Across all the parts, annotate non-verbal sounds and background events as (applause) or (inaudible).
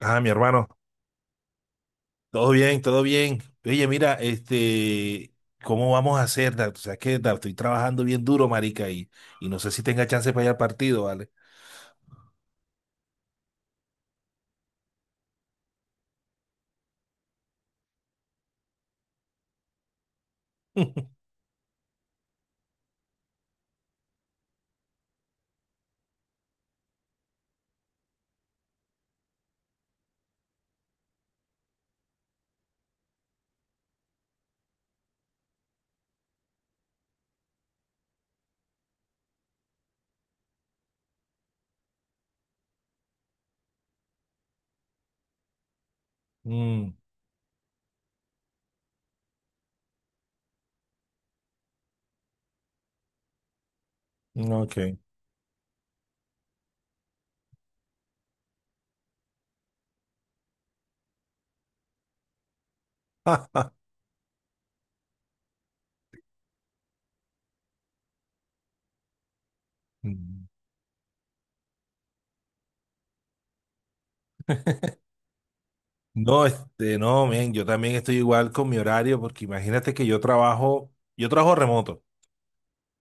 Ah, mi hermano, todo bien, todo bien. Oye, mira, ¿cómo vamos a hacer? ¿Dar? O sea, que Dar, estoy trabajando bien duro, marica, y no sé si tenga chance para ir al partido, ¿vale? (laughs) Mm, ok. (laughs) Mm. No, este, no, men, yo también estoy igual con mi horario, porque imagínate que yo trabajo remoto,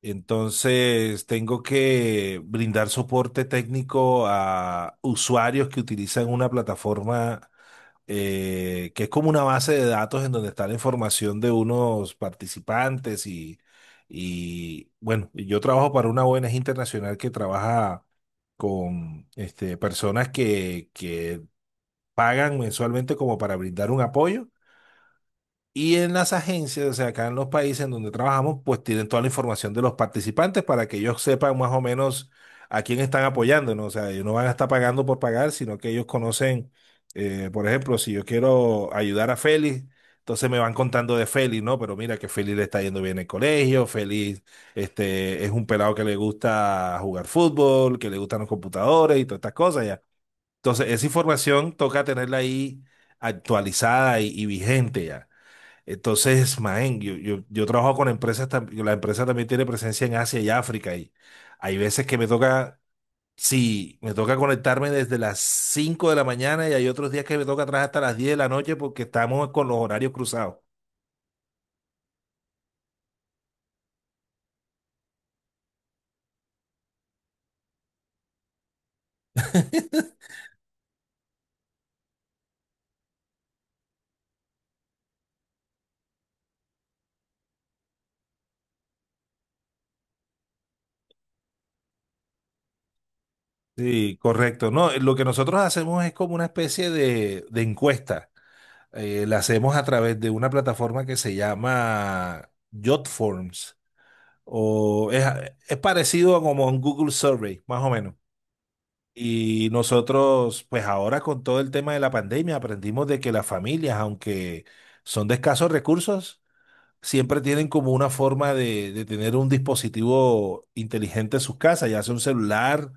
entonces tengo que brindar soporte técnico a usuarios que utilizan una plataforma. Que es como una base de datos en donde está la información de unos participantes y bueno, y yo trabajo para una ONG internacional que trabaja con este, personas que pagan mensualmente como para brindar un apoyo y en las agencias, o sea, acá en los países en donde trabajamos, pues tienen toda la información de los participantes para que ellos sepan más o menos a quién están apoyando, ¿no? O sea, ellos no van a estar pagando por pagar, sino que ellos conocen, por ejemplo, si yo quiero ayudar a Félix, entonces me van contando de Félix, ¿no? Pero mira que Félix le está yendo bien en el colegio, Félix, este, es un pelado que le gusta jugar fútbol, que le gustan los computadores y todas estas cosas ya. Entonces, esa información toca tenerla ahí actualizada y vigente ya. Entonces, man, yo trabajo con empresas, la empresa también tiene presencia en Asia y África y hay veces que sí, me toca conectarme desde las 5 de la mañana y hay otros días que me toca atrás hasta las 10 de la noche porque estamos con los horarios cruzados. Sí, correcto. No, lo que nosotros hacemos es como una especie de encuesta. La hacemos a través de una plataforma que se llama Jotforms o es, es parecido a como un Google Survey, más o menos. Y nosotros, pues ahora con todo el tema de la pandemia, aprendimos de que las familias, aunque son de escasos recursos, siempre tienen como una forma de tener un dispositivo inteligente en sus casas, ya sea un celular,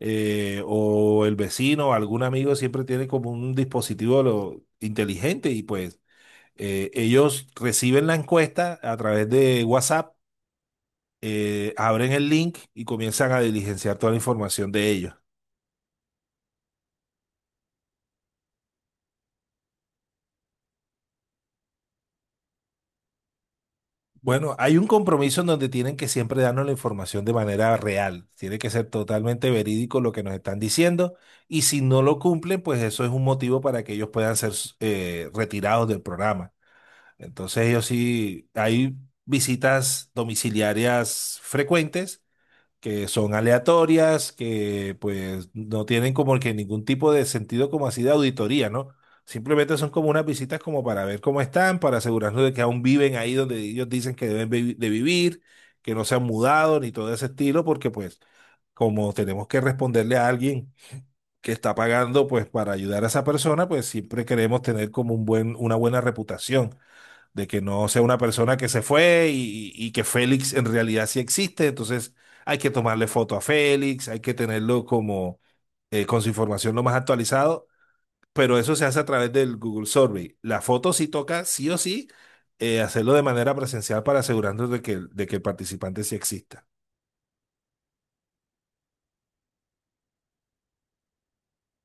o el vecino o algún amigo, siempre tiene como un dispositivo inteligente y pues ellos reciben la encuesta a través de WhatsApp, abren el link y comienzan a diligenciar toda la información de ellos. Bueno, hay un compromiso en donde tienen que siempre darnos la información de manera real. Tiene que ser totalmente verídico lo que nos están diciendo. Y si no lo cumplen, pues eso es un motivo para que ellos puedan ser retirados del programa. Entonces, ellos sí, hay visitas domiciliarias frecuentes que son aleatorias, que pues no tienen como que ningún tipo de sentido como así de auditoría, ¿no? Simplemente son como unas visitas como para ver cómo están, para asegurarnos de que aún viven ahí donde ellos dicen que deben de vivir, que no se han mudado ni todo ese estilo, porque pues como tenemos que responderle a alguien que está pagando pues para ayudar a esa persona, pues siempre queremos tener como un una buena reputación de que no sea una persona que se fue y que Félix en realidad sí existe. Entonces hay que tomarle foto a Félix, hay que tenerlo como con su información lo más actualizado, pero eso se hace a través del Google Survey. La foto sí toca, sí o sí, hacerlo de manera presencial para asegurarnos de que el participante sí exista.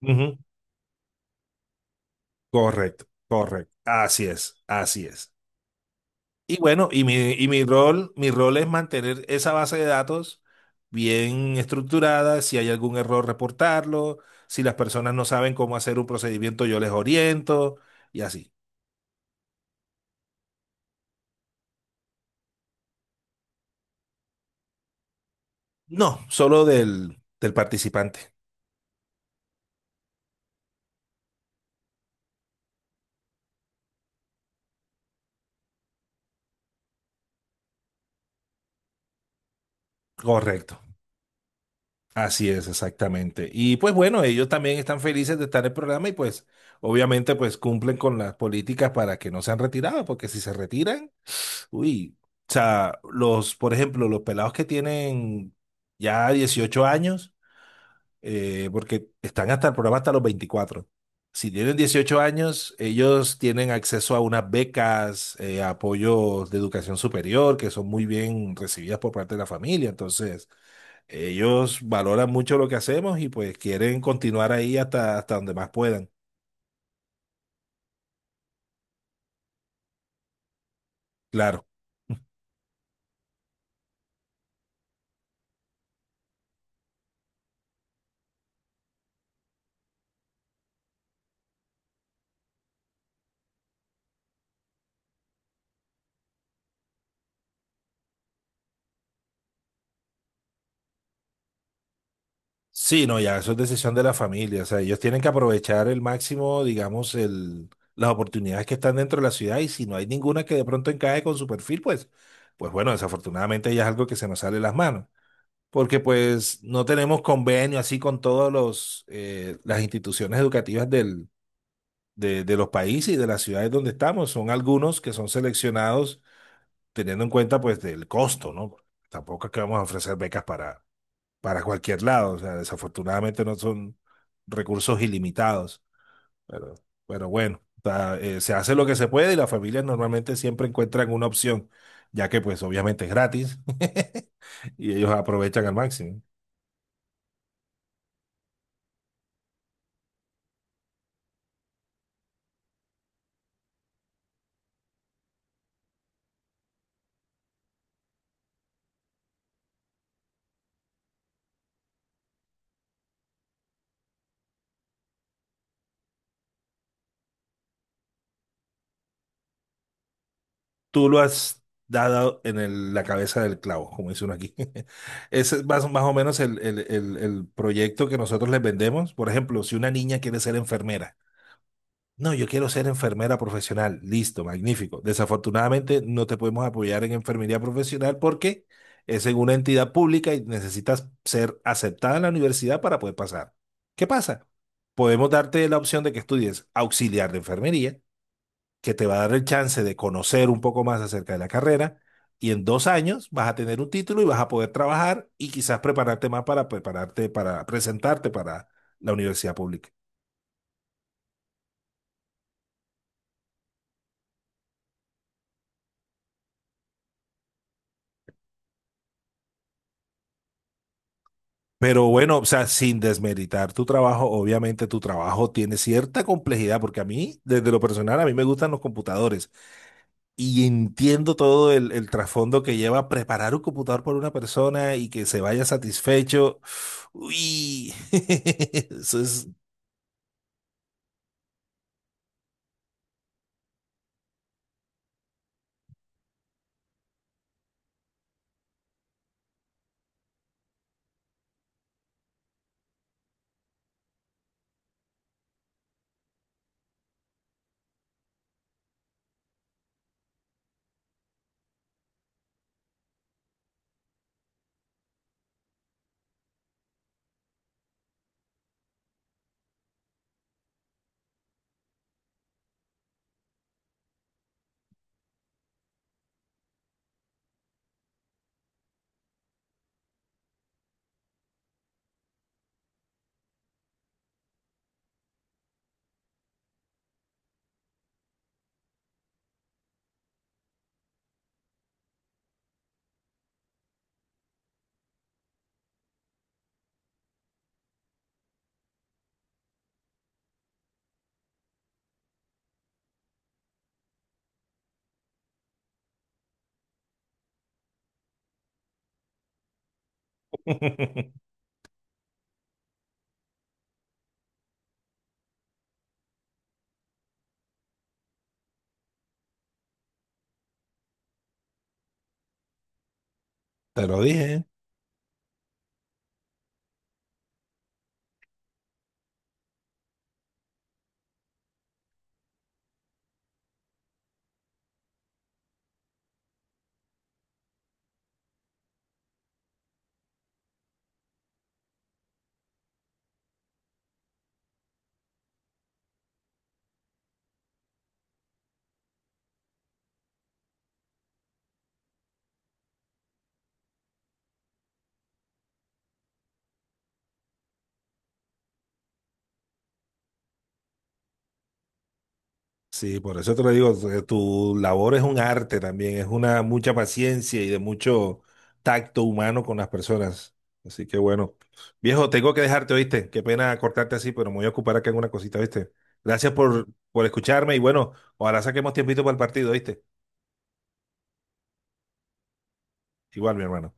Ujú. Correcto, correcto. Así es, así es. Y bueno, y mi rol es mantener esa base de datos bien estructurada, si hay algún error, reportarlo, si las personas no saben cómo hacer un procedimiento, yo les oriento y así. No, solo del participante. Correcto. Así es, exactamente. Y pues bueno, ellos también están felices de estar en el programa y pues obviamente pues cumplen con las políticas para que no sean retirados, porque si se retiran, uy, o sea, los, por ejemplo, los pelados que tienen ya 18 años, porque están hasta el programa hasta los 24. Si tienen 18 años, ellos tienen acceso a unas becas, apoyos de educación superior, que son muy bien recibidas por parte de la familia. Entonces, ellos valoran mucho lo que hacemos y pues quieren continuar ahí hasta, hasta donde más puedan. Claro. Sí, no, ya, eso es decisión de la familia. O sea, ellos tienen que aprovechar el máximo, digamos, las oportunidades que están dentro de la ciudad y si no hay ninguna que de pronto encaje con su perfil, pues bueno, desafortunadamente ya es algo que se nos sale de las manos. Porque pues no tenemos convenio así con todos las instituciones educativas de los países y de las ciudades donde estamos. Son algunos que son seleccionados teniendo en cuenta pues del costo, ¿no? Tampoco es que vamos a ofrecer becas para cualquier lado. O sea, desafortunadamente no son recursos ilimitados, pero, pero bueno, o sea, se hace lo que se puede y las familias normalmente siempre encuentran una opción, ya que pues obviamente es gratis (laughs) y ellos aprovechan al máximo. Tú lo has dado en la cabeza del clavo, como dice uno aquí. (laughs) Ese es más, más o menos el proyecto que nosotros les vendemos. Por ejemplo, si una niña quiere ser enfermera. No, yo quiero ser enfermera profesional. Listo, magnífico. Desafortunadamente no te podemos apoyar en enfermería profesional porque es en una entidad pública y necesitas ser aceptada en la universidad para poder pasar. ¿Qué pasa? Podemos darte la opción de que estudies auxiliar de enfermería, que te va a dar el chance de conocer un poco más acerca de la carrera y en 2 años vas a tener un título y vas a poder trabajar y quizás prepararte más para prepararte, para presentarte para la universidad pública. Pero bueno, o sea, sin desmeritar tu trabajo, obviamente tu trabajo tiene cierta complejidad, porque a mí, desde lo personal, a mí me gustan los computadores y entiendo todo el trasfondo que lleva preparar un computador por una persona y que se vaya satisfecho. Uy, (laughs) eso es... (laughs) Te lo dije. Sí, por eso te lo digo, tu labor es un arte también, es una mucha paciencia y de mucho tacto humano con las personas. Así que bueno, viejo, tengo que dejarte, ¿oíste? Qué pena cortarte así, pero me voy a ocupar acá en una cosita, ¿viste? Gracias por escucharme y bueno, ojalá saquemos tiempito para el partido, ¿oíste? Igual, mi hermano.